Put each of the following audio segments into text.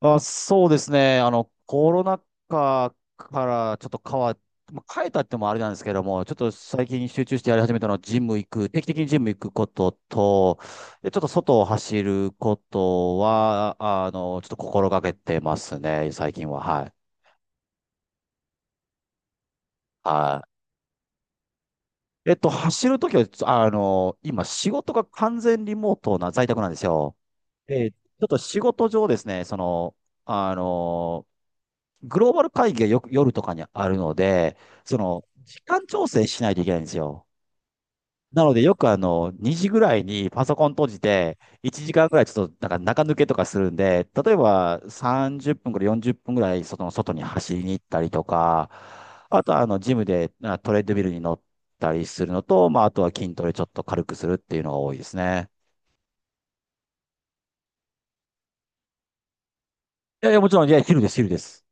あ、そうですね。コロナ禍からちょっと変わっ、まあ、変えたってもあれなんですけども、ちょっと最近集中してやり始めたのは、ジム行く、定期的にジム行くことと、で、ちょっと外を走ることは、ちょっと心がけてますね、最近は。はい。はい。走るときは、今、仕事が完全リモートな在宅なんですよ。えーちょっと仕事上ですね、あの、グローバル会議がよく夜とかにあるので、時間調整しないといけないんですよ。なので、よく2時ぐらいにパソコン閉じて、1時間ぐらいちょっとなんか中抜けとかするんで、例えば30分から40分ぐらい外に走りに行ったりとか、あとはジムでトレッドミルに乗ったりするのと、まあ、あとは筋トレちょっと軽くするっていうのが多いですね。いやいや、もちろん、いや、昼です、昼です。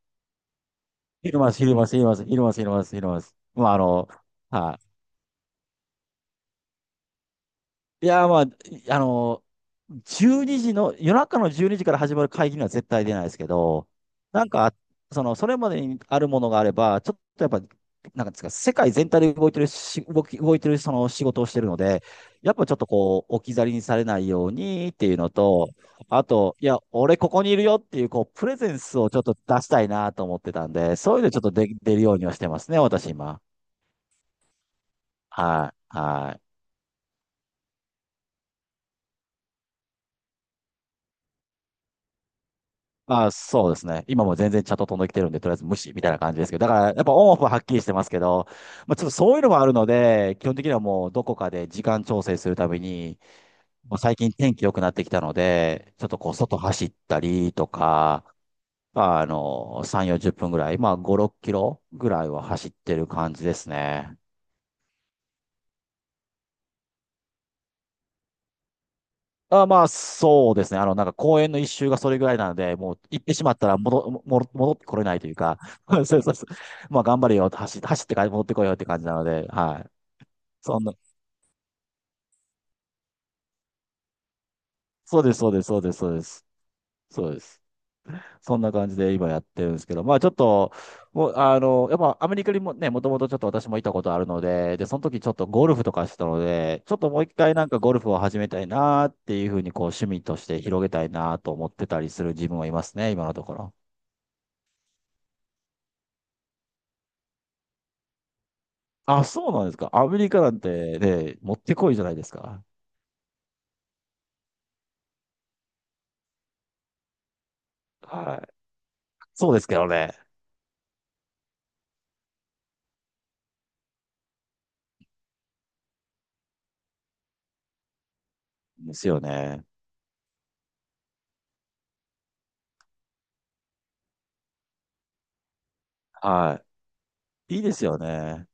昼ます、昼ます、昼ます、昼ます、昼ます、昼ます。まあ、はい。いやー、まあ、あの12時の、夜中の12時から始まる会議には絶対出ないですけど、なんか、それまでにあるものがあれば、ちょっとやっぱ、なんかですか、世界全体で動いてるし、動いてるその仕事をしてるので、やっぱちょっとこう、置き去りにされないようにっていうのと、あと、いや、俺ここにいるよっていう、こう、プレゼンスをちょっと出したいなと思ってたんで、そういうのちょっと出るようにはしてますね、私今。はい、はい。あ、そうですね。今も全然チャット飛んできてるんで、とりあえず無視みたいな感じですけど、だからやっぱオンオフははっきりしてますけど、まあ、ちょっとそういうのもあるので、基本的にはもうどこかで時間調整するために、まあ、最近天気良くなってきたので、ちょっとこう外走ったりとか、まあの、3、40分ぐらい、まあ5、6キロぐらいは走ってる感じですね。あ、まあ、そうですね。なんか公園の一周がそれぐらいなので、もう行ってしまったら戻ってこれないというか、そうそうそう。まあ、頑張れよ、走ってから戻ってこいよって感じなので、はい。そんな、そうです、そうです、そうです、そうです。そうです。そんな感じで今やってるんですけど、まあ、ちょっと、もう、やっぱアメリカにもね、もともとちょっと私もいたことあるので、で、その時ちょっとゴルフとかしてたので、ちょっともう一回なんかゴルフを始めたいなっていうふうに、こう、趣味として広げたいなと思ってたりする自分はいますね、今のところ。あ、そうなんですか。アメリカなんてね、持ってこいじゃないですか。はい。そうですけどね。ですよね。はい。いいですよね。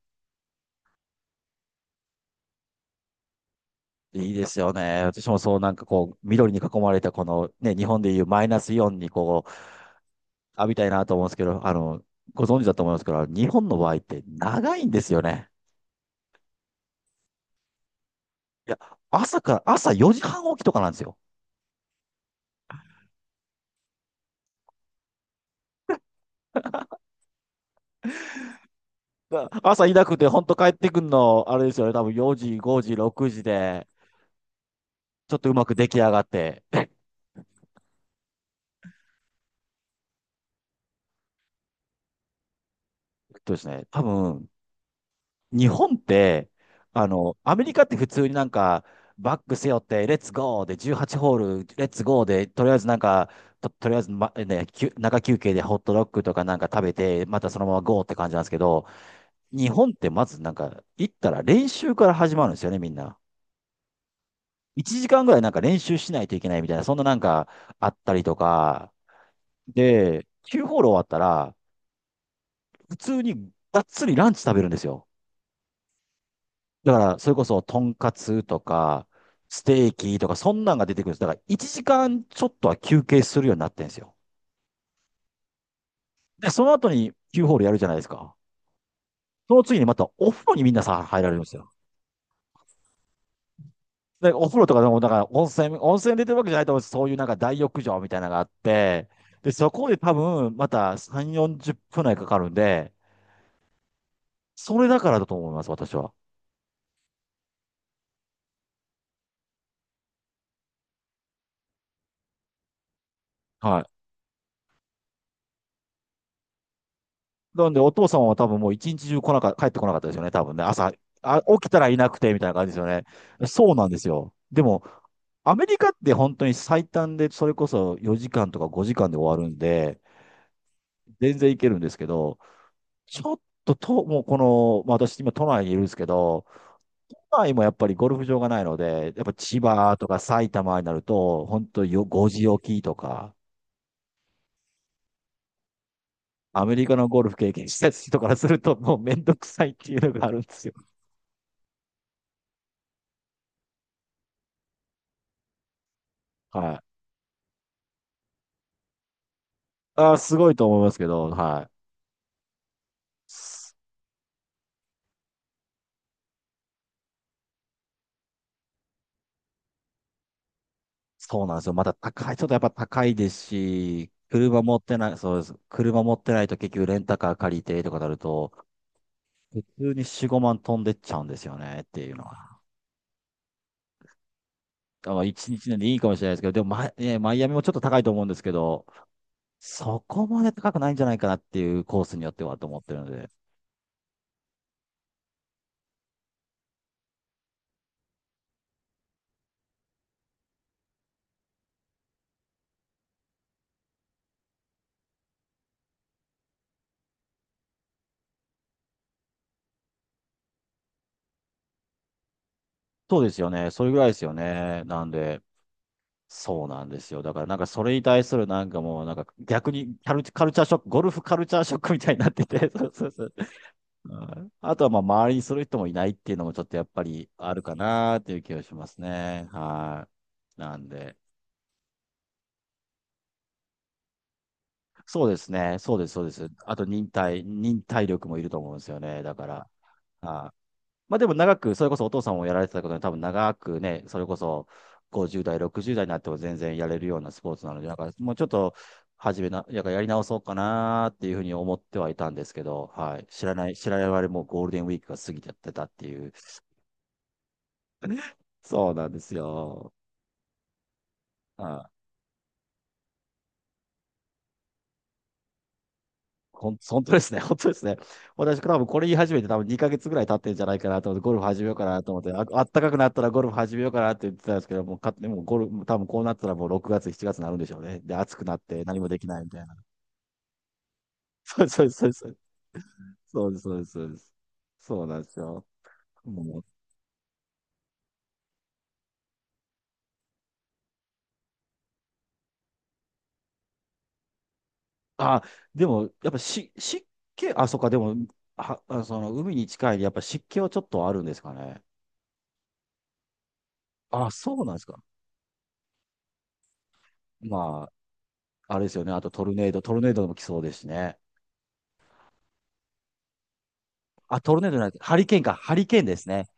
いいですよね。私もそうなんかこう、緑に囲まれたこのね、日本でいうマイナスイオンにこう、浴びたいなと思うんですけど、ご存知だと思いますけど、日本の場合って長いんですよね。いや、朝から、朝4時半起きとかなんですよ。だから朝いなくて、本当帰ってくんの、あれですよね。多分4時、5時、6時で、ちょっとうまく出来上がって。えっとですね、多分日本って、アメリカって普通になんか、バック背負って、レッツゴーで18ホール、レッツゴーで、とりあえずなんか、とりあえず、ま、ね、休中休憩でホットドッグとかなんか食べて、またそのままゴーって感じなんですけど、日本ってまずなんか、行ったら練習から始まるんですよね、みんな。1時間ぐらいなんか練習しないといけないみたいな、そんななんかあったりとか、で、9ホール終わったら、普通にがっつりランチ食べるんですよ。だから、それこそ、とんかつとか、ステーキとか、そんなんが出てくるんです。だから、1時間ちょっとは休憩するようになってんですよ。で、その後に Q ホールやるじゃないですか。その次にまたお風呂にみんなさ、入られるんですよ。で、お風呂とかでも、だから温泉出てるわけじゃないと思うんです。そういうなんか大浴場みたいなのがあって、で、そこで多分、また3、40分内かかるんで、それだからだと思います、私は。はい。なんで、お父さんは多分もう一日中来なか、帰ってこなかったですよね、多分ね。起きたらいなくて、みたいな感じですよね。そうなんですよ。でも、アメリカって本当に最短で、それこそ4時間とか5時間で終わるんで、全然いけるんですけど、ちょっと、と、もうこの、まあ、私今都内にいるんですけど、都内もやっぱりゴルフ場がないので、やっぱ千葉とか埼玉になると、本当よ5時起きとか、アメリカのゴルフ経験した人からすると、もうめんどくさいっていうのがあるんですよ。はい。すごいと思いますけど、はい。そそうなんですよ。またちょっとやっぱ高いですし、車持ってない、そうです。車持ってないと結局レンタカー借りてとかなると、普通に4、5万飛んでっちゃうんですよねっていうのは。だから1日なんでいいかもしれないですけど、でもねマイアミもちょっと高いと思うんですけど、そこまで高くないんじゃないかなっていうコースによってはと思ってるので。そうですよね。それぐらいですよね。なんで。そうなんですよ。だからなんかそれに対するなんかもうなんか逆にカル、カルチャーショック、ゴルフカルチャーショックみたいになってて、そうそうそう。はい。あとはまあ周りにする人もいないっていうのもちょっとやっぱりあるかなっていう気がしますね。はい。なんで。そうですね。そうです、そうです。あと忍耐力もいると思うんですよね。だから。はい。まあでも長く、それこそお父さんをやられてたことで、多分長くね、それこそ50代、60代になっても全然やれるようなスポーツなので、なんかもうちょっと始めな、ややり直そうかなっていうふうに思ってはいたんですけど、はい。知らない我々もうゴールデンウィークが過ぎちゃってたっていう。そうなんですよ。はい。本当ですね。本当ですね。私、多分これ言い始めて多分2ヶ月ぐらい経ってるんじゃないかなと思って、ゴルフ始めようかなと思って、あったかくなったらゴルフ始めようかなって言ってたんですけど、もう勝手にもうゴルフ、多分こうなったらもう6月、7月になるんでしょうね。で、暑くなって何もできないみたいな。そうそうそうそう。そうです、そうです、そうです。そうなんですよ。もう、あ、でも、やっぱし、湿気、あ、そっか、でも、海に近いで、やっぱ湿気はちょっとあるんですかね。あ、そうなんですか。まあ、あれですよね。あとトルネードも来そうですしね。あ、トルネードじゃなくて、ハリケーンか、ハリケーンですね。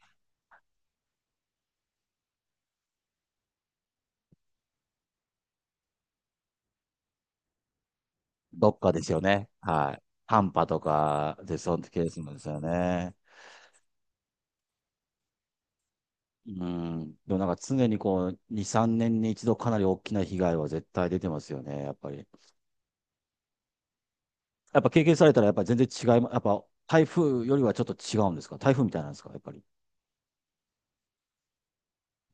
どっかですよね。はい。短波とかで、そのケースもですよね。うん。でもなんか常にこう、2、3年に一度かなり大きな被害は絶対出てますよね、やっぱり。やっぱ経験されたら、やっぱ全然違いま、やっぱ台風よりはちょっと違うんですか、台風みたいなんですか、やっぱり。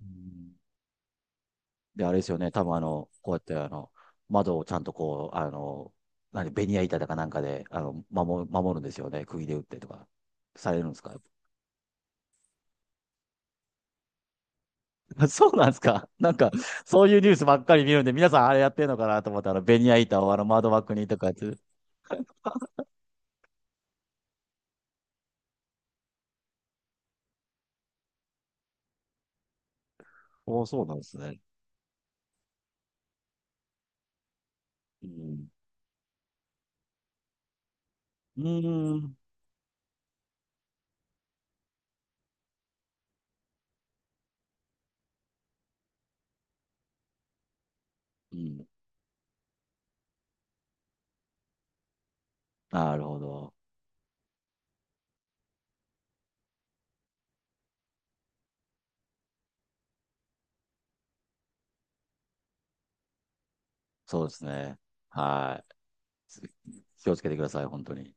うん。で、あれですよね。多分こうやって窓をちゃんとこう、何、ベニヤ板だかなんかで、守るんですよね。釘で打ってとか、されるんですか？ あ、そうなんですか。なんか、そういうニュースばっかり見るんで、皆さんあれやってんのかなと思ったら、ベニヤ板をあの窓枠にとかやってる。おー、そうなんですね。うん。うーん。うん。なるほど。そうですね。はい。気をつけてください、本当に。